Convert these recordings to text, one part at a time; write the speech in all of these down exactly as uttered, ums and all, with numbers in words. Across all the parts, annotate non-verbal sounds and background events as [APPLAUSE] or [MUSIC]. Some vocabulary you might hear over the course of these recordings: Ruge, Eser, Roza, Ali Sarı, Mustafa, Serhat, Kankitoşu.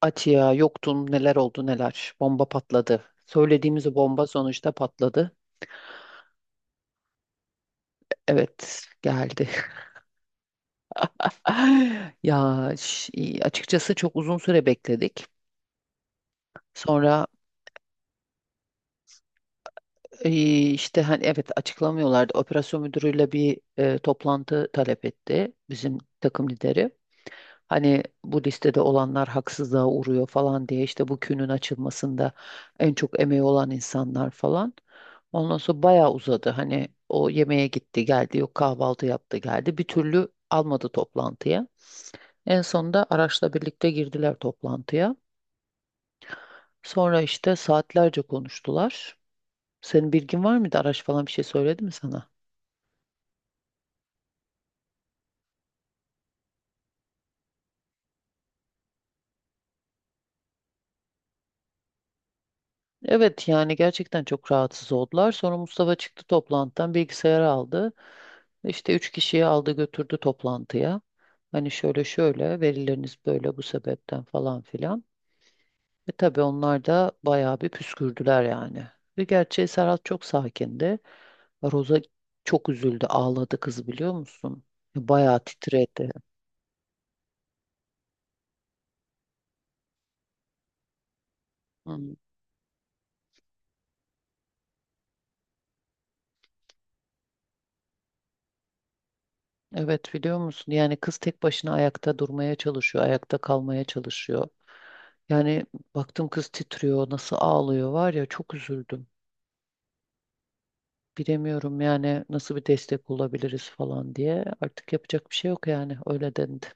Atiye yoktun, neler oldu neler. Bomba patladı. Söylediğimiz o bomba sonuçta patladı. Evet geldi. [LAUGHS] Ya ş- açıkçası çok uzun süre bekledik. Sonra. Ee, işte hani evet açıklamıyorlardı. Operasyon müdürüyle bir e, toplantı talep etti bizim takım lideri. Hani bu listede olanlar haksızlığa uğruyor falan diye, işte bu künün açılmasında en çok emeği olan insanlar falan. Ondan sonra bayağı uzadı. Hani o yemeğe gitti geldi, yok kahvaltı yaptı geldi. Bir türlü almadı toplantıya. En sonunda araçla birlikte girdiler toplantıya. Sonra işte saatlerce konuştular. Senin bilgin var mıydı? Araç falan bir şey söyledi mi sana? Evet, yani gerçekten çok rahatsız oldular. Sonra Mustafa çıktı toplantıdan, bilgisayarı aldı. İşte üç kişiyi aldı götürdü toplantıya. Hani şöyle şöyle verileriniz böyle, bu sebepten falan filan. E, tabii onlar da bayağı bir püskürdüler yani. Ve gerçi Serhat çok sakindi. Roza çok üzüldü, ağladı kız, biliyor musun? Bayağı titredi. Evet, biliyor musun? Yani kız tek başına ayakta durmaya çalışıyor, ayakta kalmaya çalışıyor. Yani baktım kız titriyor, nasıl ağlıyor, var ya çok üzüldüm. Bilemiyorum yani nasıl bir destek olabiliriz falan diye. Artık yapacak bir şey yok yani, öyle dendi.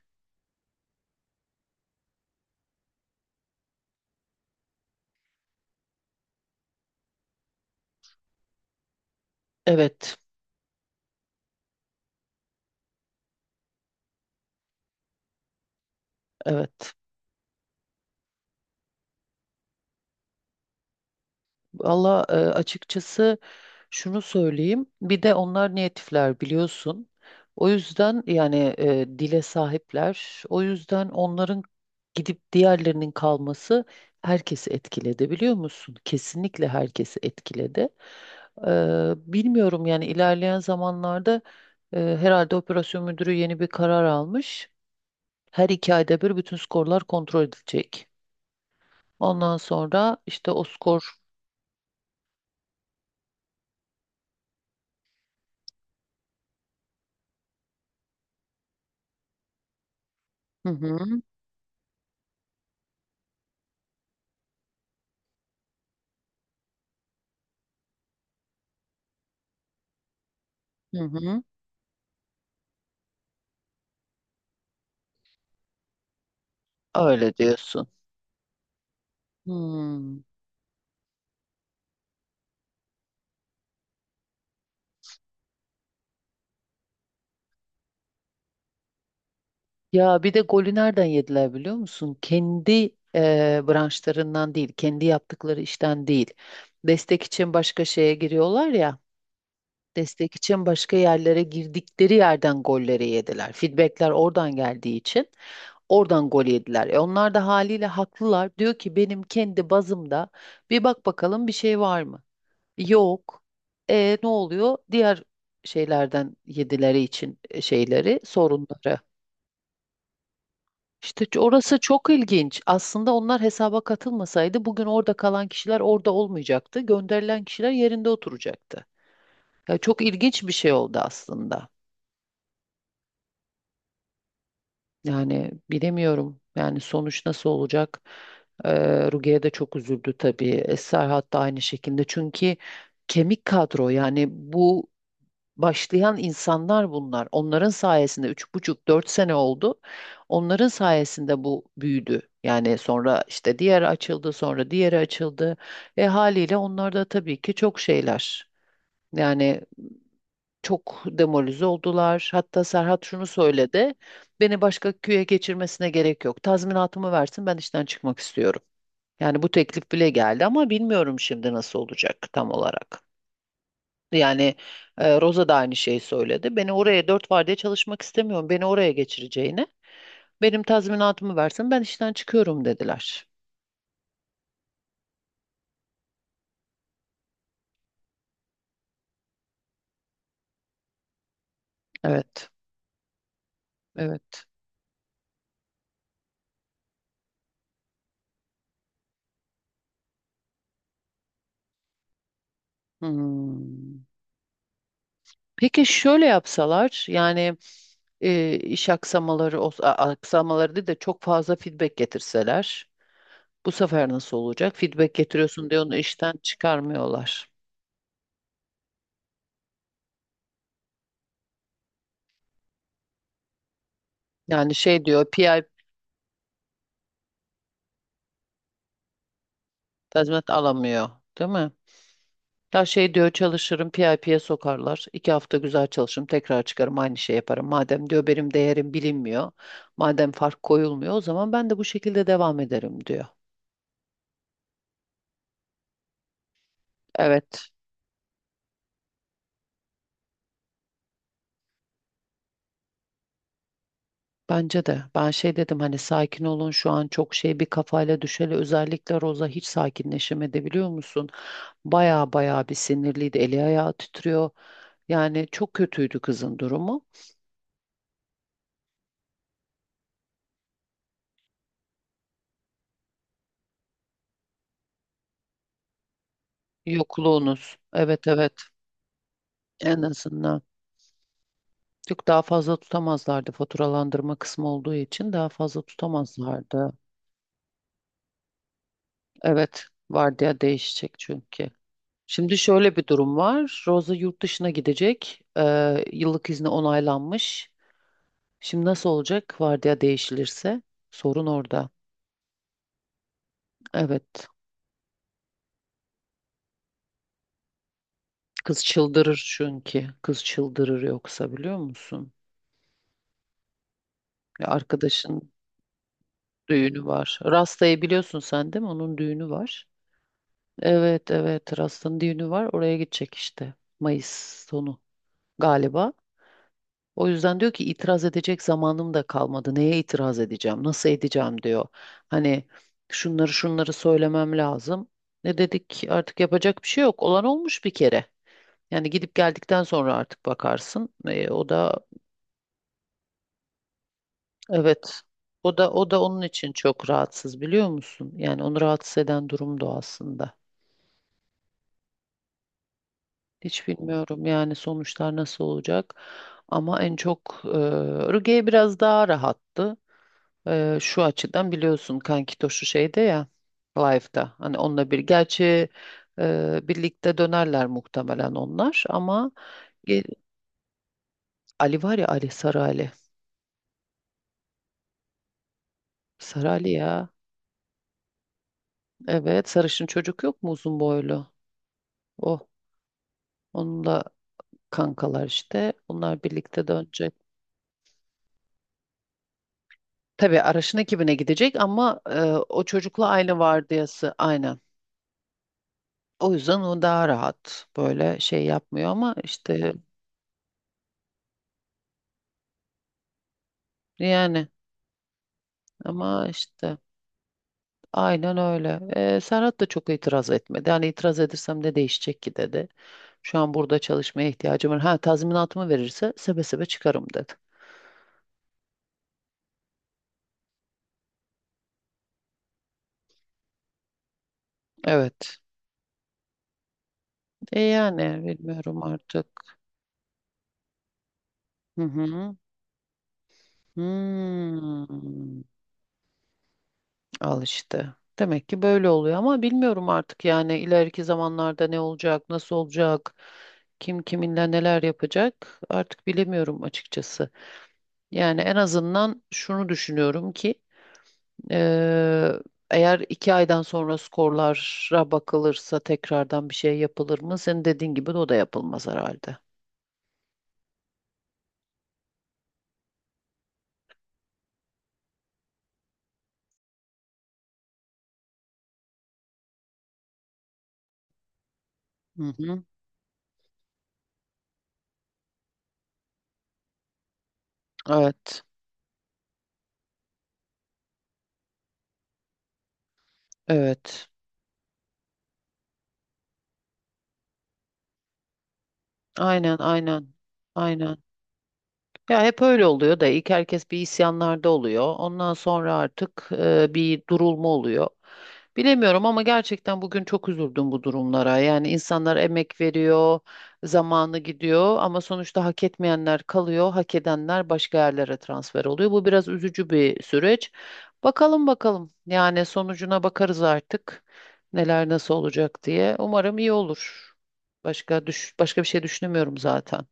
Evet, evet. Valla, e, açıkçası şunu söyleyeyim. Bir de onlar natifler, biliyorsun. O yüzden yani, e, dile sahipler. O yüzden onların gidip diğerlerinin kalması herkesi etkiledi, biliyor musun? Kesinlikle herkesi etkiledi. Eee, bilmiyorum yani, ilerleyen zamanlarda eee, herhalde operasyon müdürü yeni bir karar almış. Her iki ayda bir bütün skorlar kontrol edilecek. Ondan sonra işte o skor... Hı hı, hı hı. Öyle diyorsun. Hmm. Ya bir de golü nereden yediler, biliyor musun? Kendi eee, branşlarından değil, kendi yaptıkları işten değil. Destek için başka şeye giriyorlar ya. Destek için başka yerlere girdikleri yerden golleri yediler. Feedbackler oradan geldiği için oradan gol yediler. E, onlar da haliyle haklılar. Diyor ki benim kendi bazımda bir bak bakalım, bir şey var mı? Yok. E, ne oluyor? Diğer şeylerden yedileri için e, şeyleri, sorunları. İşte, ç- orası çok ilginç. Aslında onlar hesaba katılmasaydı bugün orada kalan kişiler orada olmayacaktı. Gönderilen kişiler yerinde oturacaktı. Ya çok ilginç bir şey oldu aslında. Yani bilemiyorum. Yani sonuç nasıl olacak? Ee, Ruge'ye de çok üzüldü tabii. Eser hatta aynı şekilde. Çünkü kemik kadro, yani bu başlayan insanlar bunlar. Onların sayesinde üç buçuk dört sene oldu. Onların sayesinde bu büyüdü. Yani sonra işte diğeri açıldı, sonra diğeri açıldı ve haliyle onlar da tabii ki çok şeyler. Yani çok demoralize oldular. Hatta Serhat şunu söyledi. Beni başka köye geçirmesine gerek yok. Tazminatımı versin, ben işten çıkmak istiyorum. Yani bu teklif bile geldi, ama bilmiyorum şimdi nasıl olacak tam olarak. Yani, e, Rosa da aynı şeyi söyledi. Beni oraya dört vardiya çalışmak istemiyorum. Beni oraya geçireceğine, benim tazminatımı versin. Ben işten çıkıyorum, dediler. Evet. Evet. Hmm. Peki şöyle yapsalar yani, e, iş aksamaları, o- a- aksamaları değil de çok fazla feedback getirseler, bu sefer nasıl olacak? Feedback getiriyorsun diye onu işten çıkarmıyorlar. Yani şey diyor, P I tazminat alamıyor, değil mi? Ya şey diyor, çalışırım P I P'ye sokarlar. İki hafta güzel çalışırım, tekrar çıkarım, aynı şey yaparım. Madem diyor benim değerim bilinmiyor, madem fark koyulmuyor, o zaman ben de bu şekilde devam ederim, diyor. Evet, bence de. Ben şey dedim, hani sakin olun, şu an çok şey bir kafayla, düşeli özellikle Roza hiç sakinleşemedi, biliyor musun? Baya baya bir sinirliydi, eli ayağı titriyor. Yani çok kötüydü kızın durumu. Yokluğunuz, evet evet, en azından. Yok, daha fazla tutamazlardı, faturalandırma kısmı olduğu için daha fazla tutamazlardı. Evet, vardiya değişecek çünkü. Şimdi şöyle bir durum var. Rosa yurt dışına gidecek. Ee, yıllık izni onaylanmış. Şimdi nasıl olacak vardiya değişilirse? Sorun orada. Evet. Kız çıldırır çünkü. Kız çıldırır yoksa, biliyor musun? Ya arkadaşın düğünü var. Rasta'yı biliyorsun sen, değil mi? Onun düğünü var. Evet evet, Rast'ın düğünü var, oraya gidecek işte Mayıs sonu galiba. O yüzden diyor ki itiraz edecek zamanım da kalmadı. Neye itiraz edeceğim? Nasıl edeceğim, diyor. Hani şunları şunları söylemem lazım. Ne dedik, artık yapacak bir şey yok. Olan olmuş bir kere. Yani gidip geldikten sonra artık bakarsın. E, o da evet. O da o da onun için çok rahatsız, biliyor musun? Yani onu rahatsız eden durum da o aslında. Hiç bilmiyorum yani sonuçlar nasıl olacak. Ama en çok e, Ruge biraz daha rahattı. E, şu açıdan biliyorsun, Kankitoşu şeyde ya, live'da. Hani onunla bir gerçi e, birlikte dönerler muhtemelen onlar, ama e, Ali var ya, Ali, Sarı Ali. Sarı Ali ya. Evet, sarışın çocuk yok mu uzun boylu? Oh, onunla kankalar işte. Onlar birlikte dönecek. Tabii Araş'ın ekibine gidecek, ama e, o çocukla aynı vardiyası, aynen. O yüzden o daha rahat, böyle şey yapmıyor, ama işte. Yani, ama işte aynen öyle. E, Serhat da çok itiraz etmedi. Hani itiraz edersem ne değişecek ki, dedi. Şu an burada çalışmaya ihtiyacım var. Ha tazminatımı verirse sebe sebe çıkarım, dedi. Evet. E yani bilmiyorum artık. Hı hı. Hmm. Al işte. Demek ki böyle oluyor, ama bilmiyorum artık, yani ileriki zamanlarda ne olacak, nasıl olacak, kim kiminle neler yapacak, artık bilemiyorum açıkçası. Yani en azından şunu düşünüyorum ki, eee, eğer iki aydan sonra skorlara bakılırsa tekrardan bir şey yapılır mı? Senin dediğin gibi de o da yapılmaz herhalde. Hı hı. Evet, evet. Aynen, aynen, aynen. Ya hep öyle oluyor da, ilk herkes bir isyanlarda oluyor. Ondan sonra artık e, bir durulma oluyor. Bilemiyorum, ama gerçekten bugün çok üzüldüm bu durumlara. Yani insanlar emek veriyor, zamanı gidiyor, ama sonuçta hak etmeyenler kalıyor, hak edenler başka yerlere transfer oluyor. Bu biraz üzücü bir süreç. Bakalım bakalım. Yani sonucuna bakarız artık, neler nasıl olacak diye. Umarım iyi olur. Başka düş başka bir şey düşünemiyorum zaten.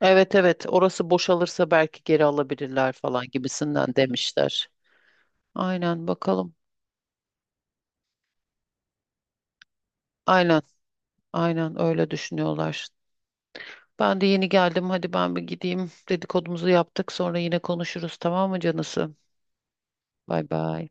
Evet evet, orası boşalırsa belki geri alabilirler falan gibisinden demişler. Aynen, bakalım. Aynen, aynen öyle düşünüyorlar. Ben de yeni geldim, hadi ben bir gideyim, dedikodumuzu yaptık, sonra yine konuşuruz, tamam mı canısı? Bay bay.